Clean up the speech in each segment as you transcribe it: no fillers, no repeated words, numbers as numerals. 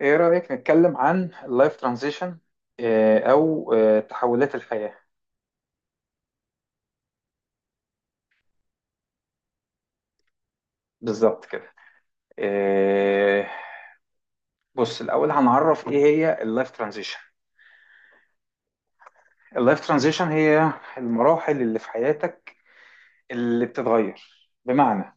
ايه رأيك نتكلم عن اللايف ترانزيشن او تحولات الحياة؟ بالظبط كده. آه، بص الاول هنعرف ايه هي اللايف ترانزيشن. اللايف ترانزيشن هي المراحل اللي في حياتك اللي بتتغير، بمعنى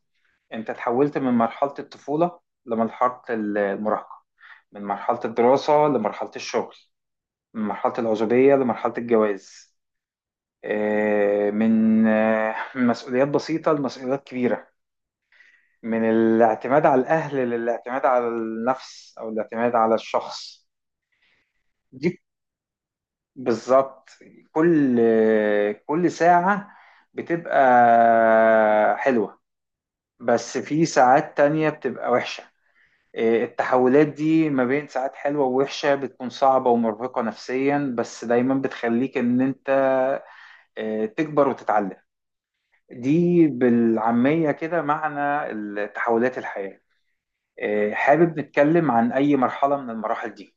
انت تحولت من مرحلة الطفولة لمرحلة المراهقة، من مرحلة الدراسة لمرحلة الشغل، من مرحلة العزوبية لمرحلة الجواز، من مسؤوليات بسيطة لمسؤوليات كبيرة، من الاعتماد على الأهل للاعتماد على النفس أو الاعتماد على الشخص. دي بالظبط. كل كل ساعة بتبقى حلوة، بس في ساعات تانية بتبقى وحشة. إيه، التحولات دي ما بين ساعات حلوة ووحشة بتكون صعبة ومرهقة نفسيا، بس دايما بتخليك إن أنت إيه، تكبر وتتعلم. دي بالعامية كده معنى التحولات الحياة. حابب نتكلم عن أي مرحلة من المراحل دي؟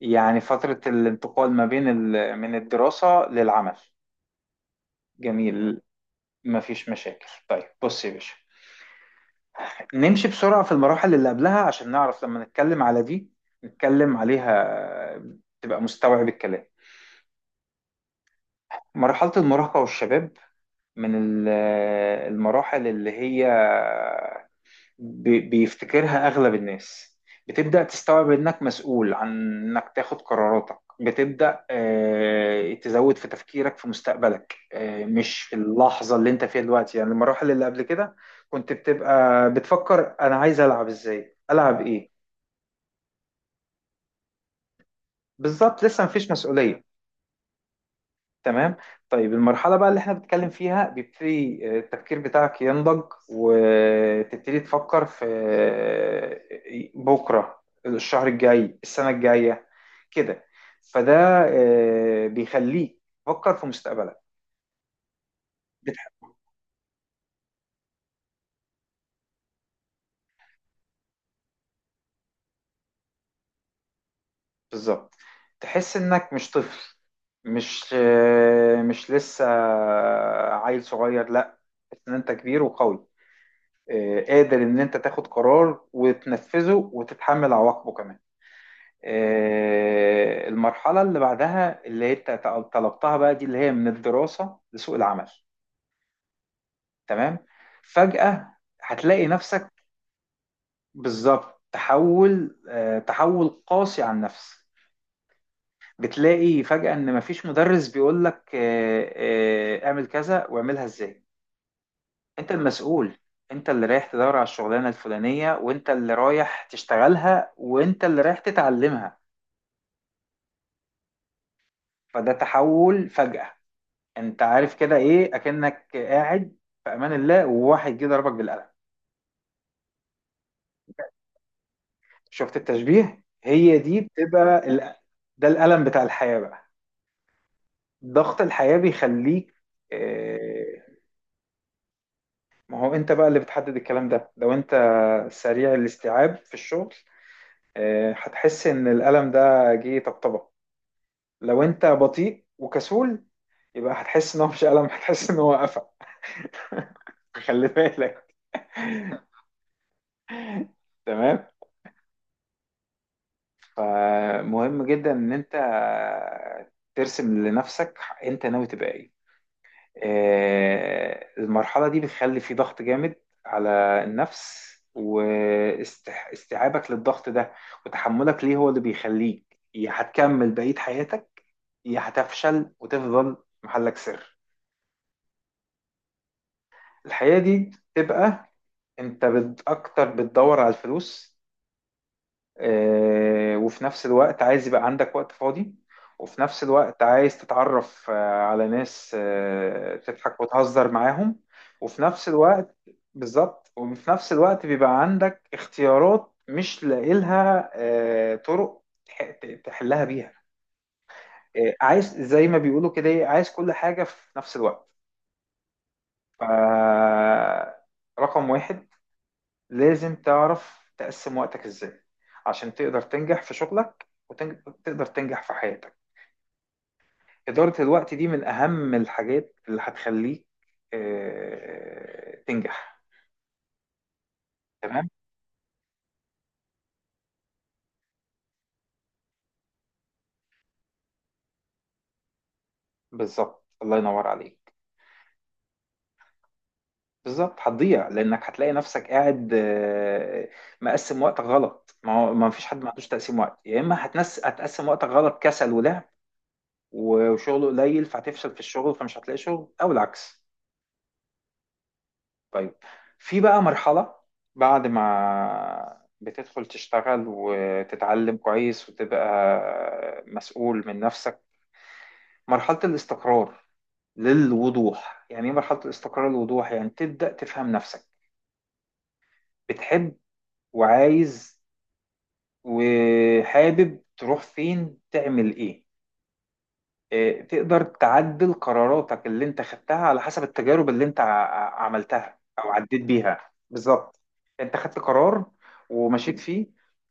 يعني فترة الانتقال ما بين من الدراسة للعمل. جميل، مفيش مشاكل. طيب بص يا باشا، نمشي بسرعة في المراحل اللي قبلها عشان نعرف لما نتكلم على دي نتكلم عليها تبقى مستوعب الكلام. مرحلة المراهقة والشباب، من المراحل اللي هي بيفتكرها أغلب الناس، بتبدأ تستوعب إنك مسؤول عن إنك تاخد قراراتك، بتبدأ تزود في تفكيرك في مستقبلك، مش في اللحظة اللي أنت فيها دلوقتي. يعني المراحل اللي قبل كده كنت بتبقى بتفكر أنا عايز ألعب، إزاي ألعب، إيه. بالظبط، لسه مفيش مسؤولية. تمام. طيب المرحلة بقى اللي احنا بنتكلم فيها بيبتدي التفكير بتاعك ينضج، وتبتدي تفكر في بكرة، الشهر الجاي، السنة الجاية كده. فده بيخليك تفكر في مستقبلك. بتح- بالظبط، تحس انك مش طفل، مش لسه عيل صغير. لا، تحس ان انت كبير وقوي، قادر ان انت تاخد قرار وتنفذه وتتحمل عواقبه كمان. المرحلة اللي بعدها اللي هي طلبتها بقى دي اللي هي من الدراسة لسوق العمل. تمام. فجأة هتلاقي نفسك بالظبط، تحول قاسي عن نفسك. بتلاقي فجأة ان مفيش مدرس بيقولك اعمل كذا واعملها ازاي. انت المسؤول، انت اللي رايح تدور على الشغلانة الفلانية، وانت اللي رايح تشتغلها، وانت اللي رايح تتعلمها. فده تحول فجأة. انت عارف كده، ايه اكنك قاعد في امان الله وواحد جه ضربك بالقلم. شفت التشبيه؟ هي دي بتبقى ده الالم بتاع الحياه بقى. ضغط الحياه بيخليك آه، ما هو انت بقى اللي بتحدد الكلام ده. لو انت سريع الاستيعاب في الشغل، هتحس ان الالم ده جه طبطبه. لو انت بطيء وكسول، يبقى هتحس ان هو مش الم، هتحس ان هو قفا. خلي بالك. تمام. فمهم جدا ان انت ترسم لنفسك انت ناوي تبقى ايه. المرحلة دي بتخلي في ضغط جامد على النفس، واستيعابك للضغط ده وتحملك ليه هو اللي بيخليك يا هتكمل بقية حياتك، يا هتفشل وتفضل محلك سر. الحياة دي تبقى انت اكتر بتدور على الفلوس، وفي نفس الوقت عايز يبقى عندك وقت فاضي، وفي نفس الوقت عايز تتعرف على ناس تضحك وتهزر معاهم، وفي نفس الوقت بالظبط. وفي نفس الوقت بيبقى عندك اختيارات مش لاقيلها طرق تحلها بيها. عايز زي ما بيقولوا كده، إيه، عايز كل حاجة في نفس الوقت. ف- رقم واحد، لازم تعرف تقسم وقتك ازاي عشان تقدر تنجح في شغلك وتقدر تنجح في حياتك. إدارة الوقت دي من أهم الحاجات اللي هتخليك تنجح. تمام. بالظبط، الله ينور عليك. بالظبط، هتضيع لأنك هتلاقي نفسك قاعد مقسم وقتك غلط. ما هو ما فيش حد ما عندوش تقسيم وقت، يا إما هتنس هتقسم وقتك غلط، كسل ولعب وشغله قليل فهتفشل في الشغل فمش هتلاقي شغل، أو العكس. طيب، في بقى مرحلة بعد ما بتدخل تشتغل وتتعلم كويس وتبقى مسؤول من نفسك، مرحلة الاستقرار للوضوح. يعني ايه مرحلة الاستقرار للوضوح؟ يعني تبدأ تفهم نفسك، بتحب وعايز وحابب تروح فين تعمل ايه. تقدر تعدل قراراتك اللي انت خدتها على حسب التجارب اللي انت عملتها او عديت بيها، بالظبط. انت خدت قرار ومشيت فيه،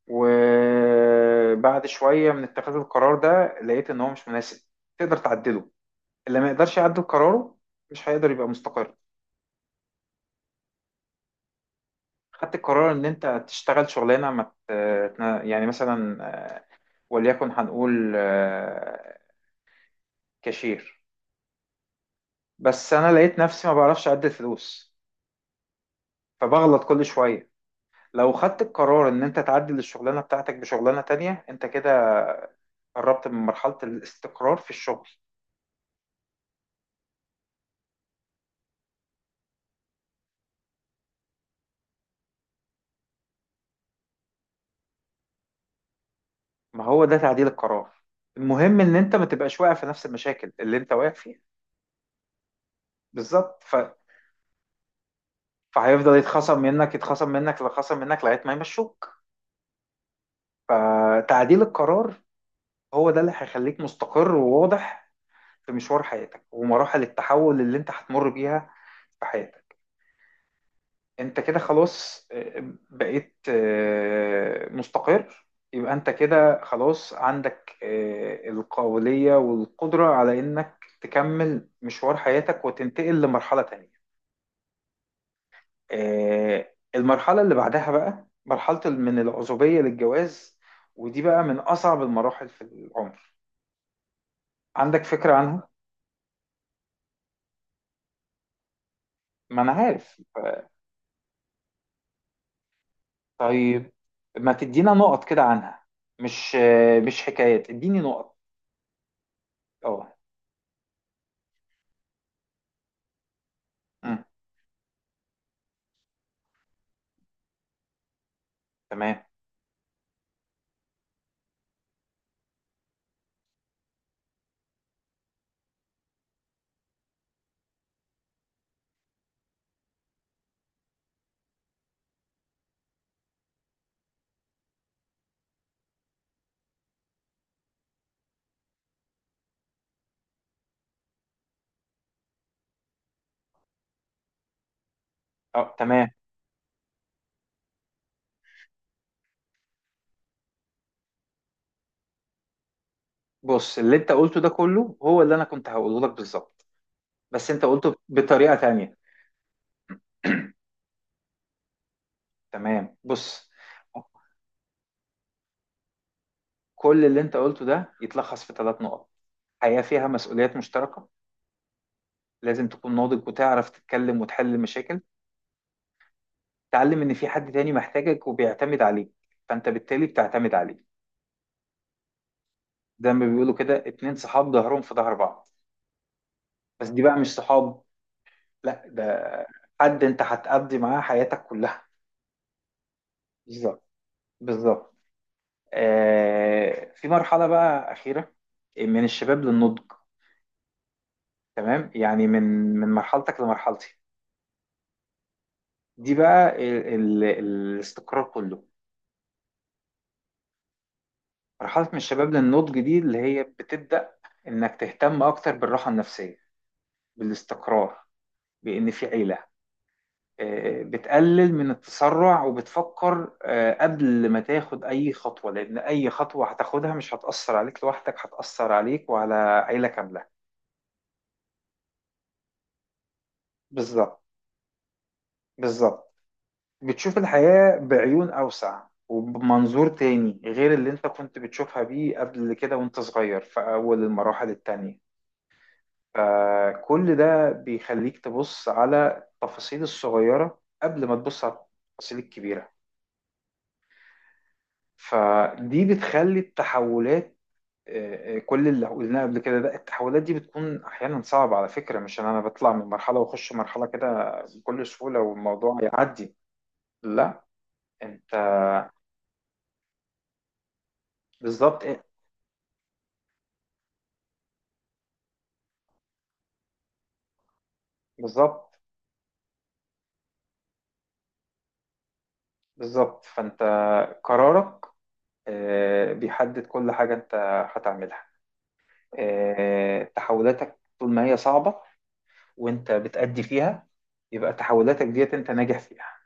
وبعد شوية من اتخاذ القرار ده لقيت ان هو مش مناسب، تقدر تعدله. اللي ما يقدرش يعدل قراره مش هيقدر يبقى مستقر. خدت القرار ان انت تشتغل شغلانة ما يعني مثلا، وليكن هنقول كاشير، بس انا لقيت نفسي ما بعرفش اعدل فلوس فبغلط كل شوية. لو خدت القرار ان انت تعدل الشغلانه بتاعتك بشغلانه تانية، انت كده قربت من مرحله الاستقرار في الشغل. ما هو ده تعديل القرار، المهم ان انت ما تبقاش واقع في نفس المشاكل اللي انت واقع فيها، بالظبط. فهيفضل يتخصم منك يتخصم منك يتخصم منك لغايه ما يمشوك. فتعديل القرار هو ده اللي هيخليك مستقر وواضح في مشوار حياتك ومراحل التحول اللي انت هتمر بيها في حياتك. انت كده خلاص بقيت مستقر، يبقى انت كده خلاص عندك القابلية والقدرة على انك تكمل مشوار حياتك وتنتقل لمرحلة تانية. المرحلة اللي بعدها بقى مرحلة من العزوبية للجواز، ودي بقى من أصعب المراحل في العمر. عندك فكرة عنها؟ ما أنا عارف. طيب، ما تدينا نقط كده عنها، مش مش حكايات، اديني نقط. اه، مم، تمام. اه، تمام. بص، اللي انت قلته ده كله هو اللي انا كنت هقوله لك بالظبط، بس انت قلته بطريقة تانية. تمام. بص، كل اللي انت قلته ده يتلخص في ثلاث نقط: حياة فيها مسؤوليات مشتركة، لازم تكون ناضج وتعرف تتكلم وتحل المشاكل، تعلم ان في حد تاني محتاجك وبيعتمد عليك فانت بالتالي بتعتمد عليه. زي ما بيقولوا كده، اتنين صحاب ظهرهم في ظهر بعض، بس دي بقى مش صحاب، لا، ده حد انت هتقضي معاه حياتك كلها. بالظبط. بالظبط. في مرحلة بقى أخيرة من الشباب للنضج. تمام، يعني من مرحلتك لمرحلتي. دي بقى ال الاستقرار كله. مرحلة من الشباب للنضج دي اللي هي بتبدأ إنك تهتم أكتر بالراحة النفسية، بالاستقرار، بإن في عيلة. بتقلل من التسرع وبتفكر قبل ما تاخد أي خطوة، لأن أي خطوة هتاخدها مش هتأثر عليك لوحدك هتأثر عليك وعلى عيلة كاملة. بالظبط. بالظبط. بتشوف الحياة بعيون أوسع وبمنظور تاني غير اللي انت كنت بتشوفها بيه قبل كده وانت صغير في أول المراحل التانية. فكل ده بيخليك تبص على التفاصيل الصغيرة قبل ما تبص على التفاصيل الكبيرة. فدي بتخلي التحولات كل اللي قلناه قبل كده، ده التحولات دي بتكون أحيانا صعبة على فكرة، مش إن أنا بطلع من مرحلة وأخش مرحلة كده بكل سهولة والموضوع يعدي. لا، أنت بالظبط، إيه بالظبط. بالظبط. فانت قرارك بيحدد كل حاجة انت هتعملها. تحولاتك طول ما هي صعبة وانت بتأدي فيها، يبقى تحولاتك ديت انت ناجح فيها.